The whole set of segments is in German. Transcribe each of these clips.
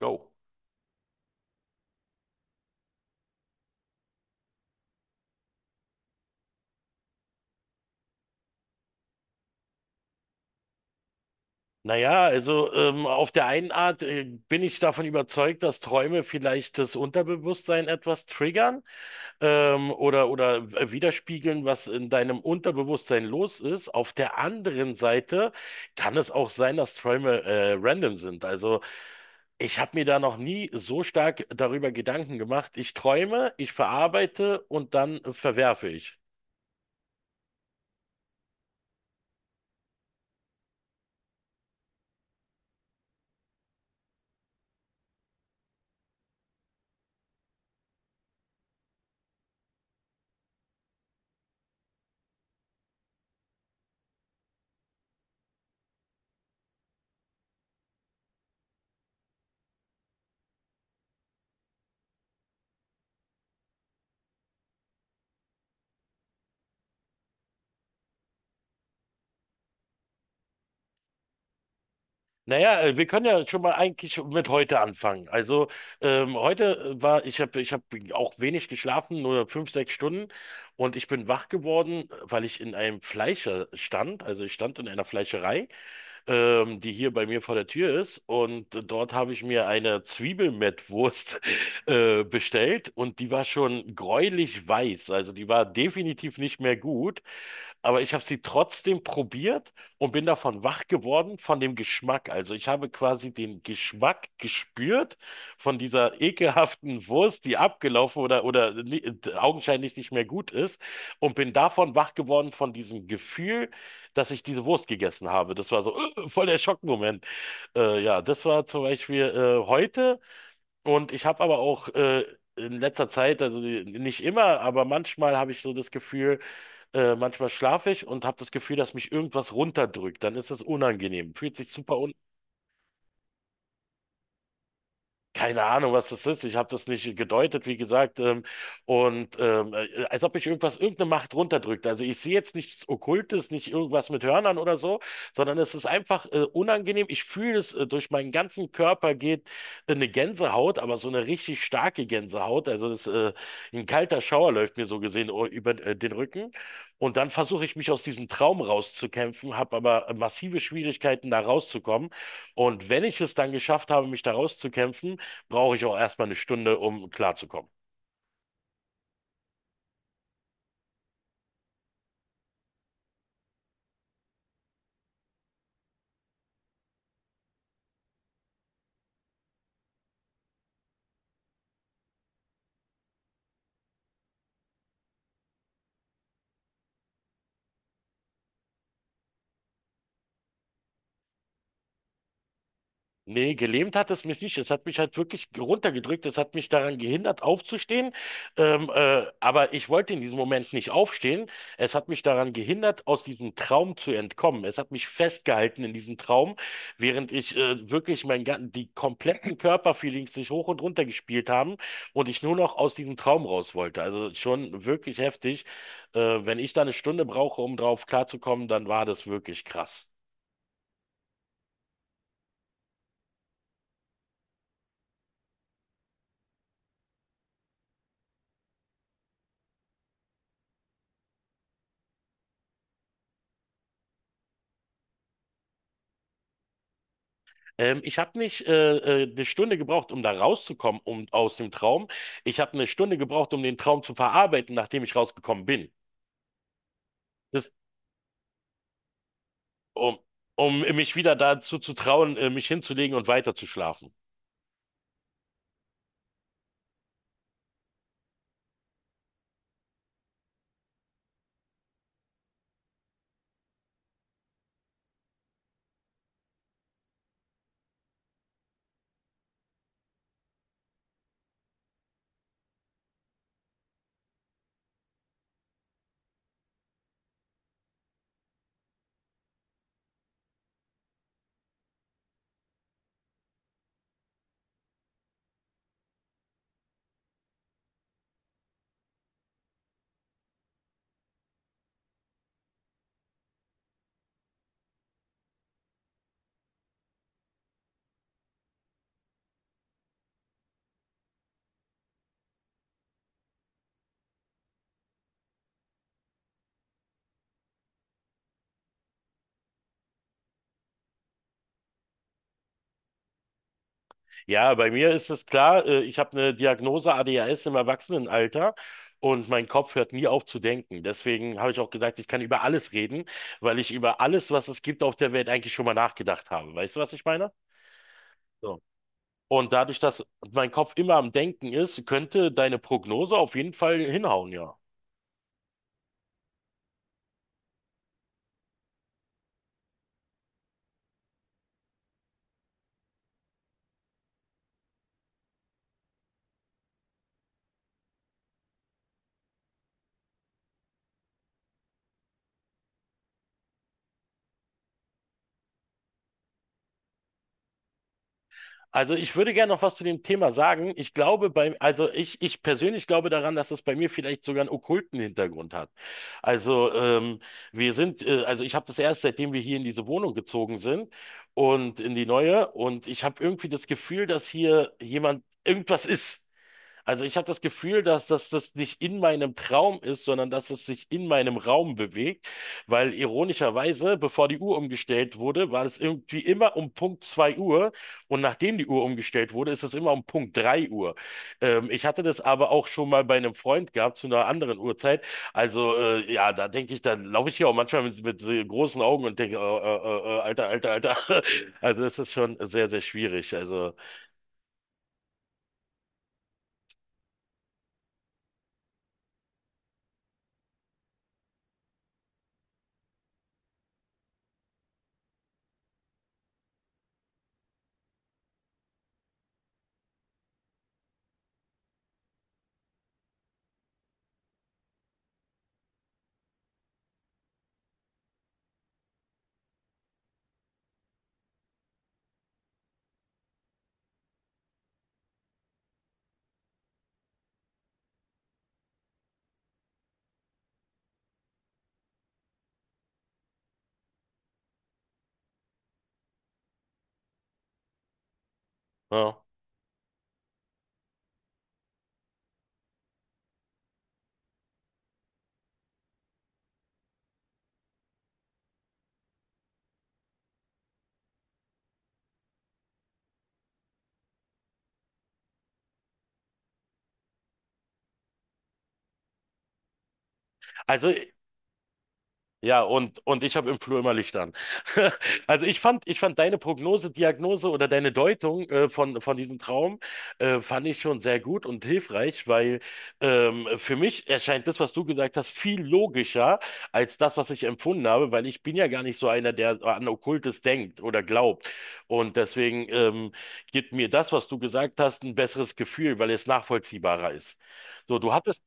Go. Naja, also auf der einen Art bin ich davon überzeugt, dass Träume vielleicht das Unterbewusstsein etwas triggern widerspiegeln, was in deinem Unterbewusstsein los ist. Auf der anderen Seite kann es auch sein, dass Träume random sind. Also ich habe mir da noch nie so stark darüber Gedanken gemacht. Ich träume, ich verarbeite und dann verwerfe ich. Naja, wir können ja schon mal eigentlich mit heute anfangen. Also heute ich hab auch wenig geschlafen, nur 5, 6 Stunden. Und ich bin wach geworden, weil ich in einem Fleischer stand. Also ich stand in einer Fleischerei die hier bei mir vor der Tür ist. Und dort habe ich mir eine Zwiebelmettwurst bestellt, und die war schon gräulich weiß. Also die war definitiv nicht mehr gut. Aber ich habe sie trotzdem probiert und bin davon wach geworden, von dem Geschmack. Also ich habe quasi den Geschmack gespürt von dieser ekelhaften Wurst, die abgelaufen oder augenscheinlich nicht mehr gut ist, und bin davon wach geworden von diesem Gefühl, dass ich diese Wurst gegessen habe. Das war so voll der Schockmoment. Ja, das war zum Beispiel heute, und ich habe aber auch in letzter Zeit, also nicht immer, aber manchmal habe ich so das Gefühl, manchmal schlafe ich und habe das Gefühl, dass mich irgendwas runterdrückt. Dann ist es unangenehm, fühlt sich super. Keine Ahnung, was das ist. Ich habe das nicht gedeutet, wie gesagt. Als ob ich irgendwas, irgendeine Macht runterdrückt. Also ich sehe jetzt nichts Okkultes, nicht irgendwas mit Hörnern oder so, sondern es ist einfach unangenehm. Ich fühle es, durch meinen ganzen Körper geht eine Gänsehaut, aber so eine richtig starke Gänsehaut. Also ein kalter Schauer läuft mir so gesehen über den Rücken. Und dann versuche ich, mich aus diesem Traum rauszukämpfen, habe aber massive Schwierigkeiten, da rauszukommen. Und wenn ich es dann geschafft habe, mich da rauszukämpfen, brauche ich auch erstmal 1 Stunde, um klarzukommen. Nee, gelähmt hat es mich nicht. Es hat mich halt wirklich runtergedrückt. Es hat mich daran gehindert, aufzustehen. Aber ich wollte in diesem Moment nicht aufstehen. Es hat mich daran gehindert, aus diesem Traum zu entkommen. Es hat mich festgehalten in diesem Traum, während ich wirklich die kompletten Körperfeelings sich hoch und runter gespielt haben und ich nur noch aus diesem Traum raus wollte. Also schon wirklich heftig. Wenn ich da 1 Stunde brauche, um drauf klarzukommen, dann war das wirklich krass. Ich habe nicht 1 Stunde gebraucht, um da rauszukommen, um aus dem Traum. Ich habe 1 Stunde gebraucht, um den Traum zu verarbeiten, nachdem ich rausgekommen bin. Das, um, um mich wieder dazu zu trauen, mich hinzulegen und weiterzuschlafen. Ja, bei mir ist es klar, ich habe eine Diagnose ADHS im Erwachsenenalter. Und mein Kopf hört nie auf zu denken. Deswegen habe ich auch gesagt, ich kann über alles reden, weil ich über alles, was es gibt auf der Welt, eigentlich schon mal nachgedacht habe. Weißt du, was ich meine? So. Und dadurch, dass mein Kopf immer am Denken ist, könnte deine Prognose auf jeden Fall hinhauen, ja. Also ich würde gerne noch was zu dem Thema sagen. Ich glaube bei, also ich persönlich glaube daran, dass es bei mir vielleicht sogar einen okkulten Hintergrund hat. Also also ich habe das erst, seitdem wir hier in diese Wohnung gezogen sind und in die neue. Und ich habe irgendwie das Gefühl, dass hier jemand, irgendwas ist. Also ich habe das Gefühl, dass das nicht in meinem Traum ist, sondern dass es sich in meinem Raum bewegt, weil ironischerweise, bevor die Uhr umgestellt wurde, war es irgendwie immer um Punkt 2 Uhr, und nachdem die Uhr umgestellt wurde, ist es immer um Punkt 3 Uhr. Ich hatte das aber auch schon mal bei einem Freund gehabt zu einer anderen Uhrzeit. Also ja, da denke ich, dann laufe ich hier auch manchmal mit, so großen Augen und denke, Alter, Alter, Alter. Also das ist schon sehr, sehr schwierig. Also, ja. Also ja, und ich habe im Flur immer Licht an. Also ich fand deine Prognose, Diagnose oder deine Deutung von diesem Traum, fand ich schon sehr gut und hilfreich, weil für mich erscheint das, was du gesagt hast, viel logischer als das, was ich empfunden habe, weil ich bin ja gar nicht so einer, der an Okkultes denkt oder glaubt. Und deswegen gibt mir das, was du gesagt hast, ein besseres Gefühl, weil es nachvollziehbarer ist. So, du hattest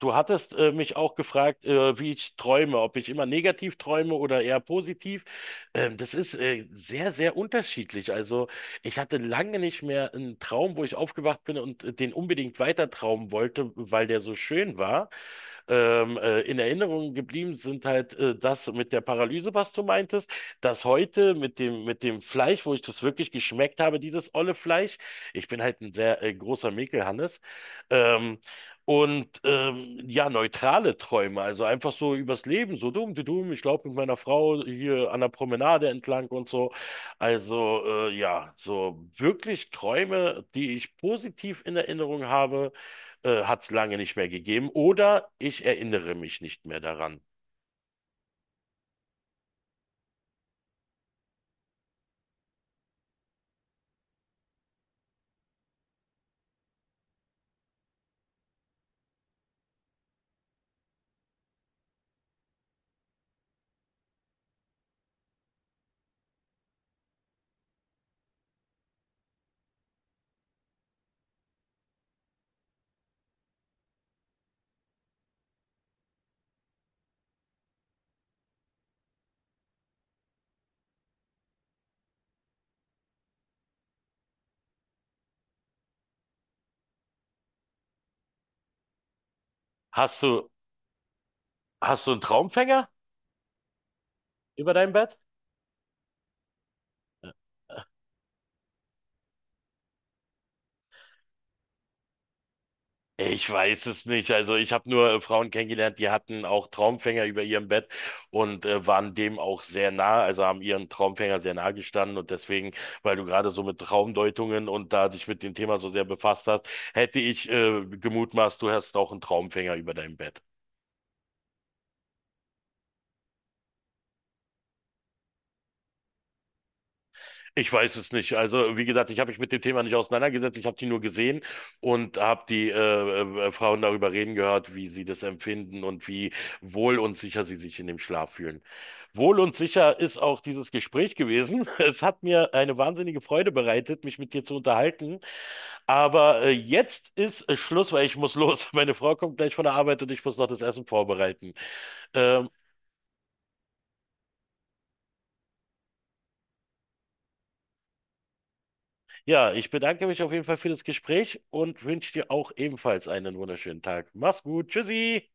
Du hattest äh, mich auch gefragt, wie ich träume, ob ich immer negativ träume oder eher positiv. Das ist sehr, sehr unterschiedlich. Also ich hatte lange nicht mehr einen Traum, wo ich aufgewacht bin und den unbedingt weiter träumen wollte, weil der so schön war. In Erinnerung geblieben sind halt das mit der Paralyse, was du meintest, das heute mit dem Fleisch, wo ich das wirklich geschmeckt habe, dieses olle Fleisch. Ich bin halt ein sehr großer Mäkelhannes. Ähm, Und ja, neutrale Träume, also einfach so übers Leben, so dumm, du dumm, ich glaube mit meiner Frau hier an der Promenade entlang und so. Also ja, so wirklich Träume, die ich positiv in Erinnerung habe, hat es lange nicht mehr gegeben. Oder ich erinnere mich nicht mehr daran. Hast du, hast du einen Traumfänger über deinem Bett? Ich weiß es nicht. Also ich habe nur Frauen kennengelernt, die hatten auch Traumfänger über ihrem Bett und waren dem auch sehr nah, also haben ihren Traumfänger sehr nah gestanden, und deswegen, weil du gerade so mit Traumdeutungen und da dich mit dem Thema so sehr befasst hast, hätte ich gemutmaßt, du hast auch einen Traumfänger über deinem Bett. Ich weiß es nicht. Also, wie gesagt, ich habe mich mit dem Thema nicht auseinandergesetzt. Ich habe die nur gesehen und habe die Frauen darüber reden gehört, wie sie das empfinden und wie wohl und sicher sie sich in dem Schlaf fühlen. Wohl und sicher ist auch dieses Gespräch gewesen. Es hat mir eine wahnsinnige Freude bereitet, mich mit dir zu unterhalten. Aber jetzt ist Schluss, weil ich muss los. Meine Frau kommt gleich von der Arbeit, und ich muss noch das Essen vorbereiten. Ähm, Ja, ich bedanke mich auf jeden Fall für das Gespräch und wünsche dir auch ebenfalls einen wunderschönen Tag. Mach's gut. Tschüssi.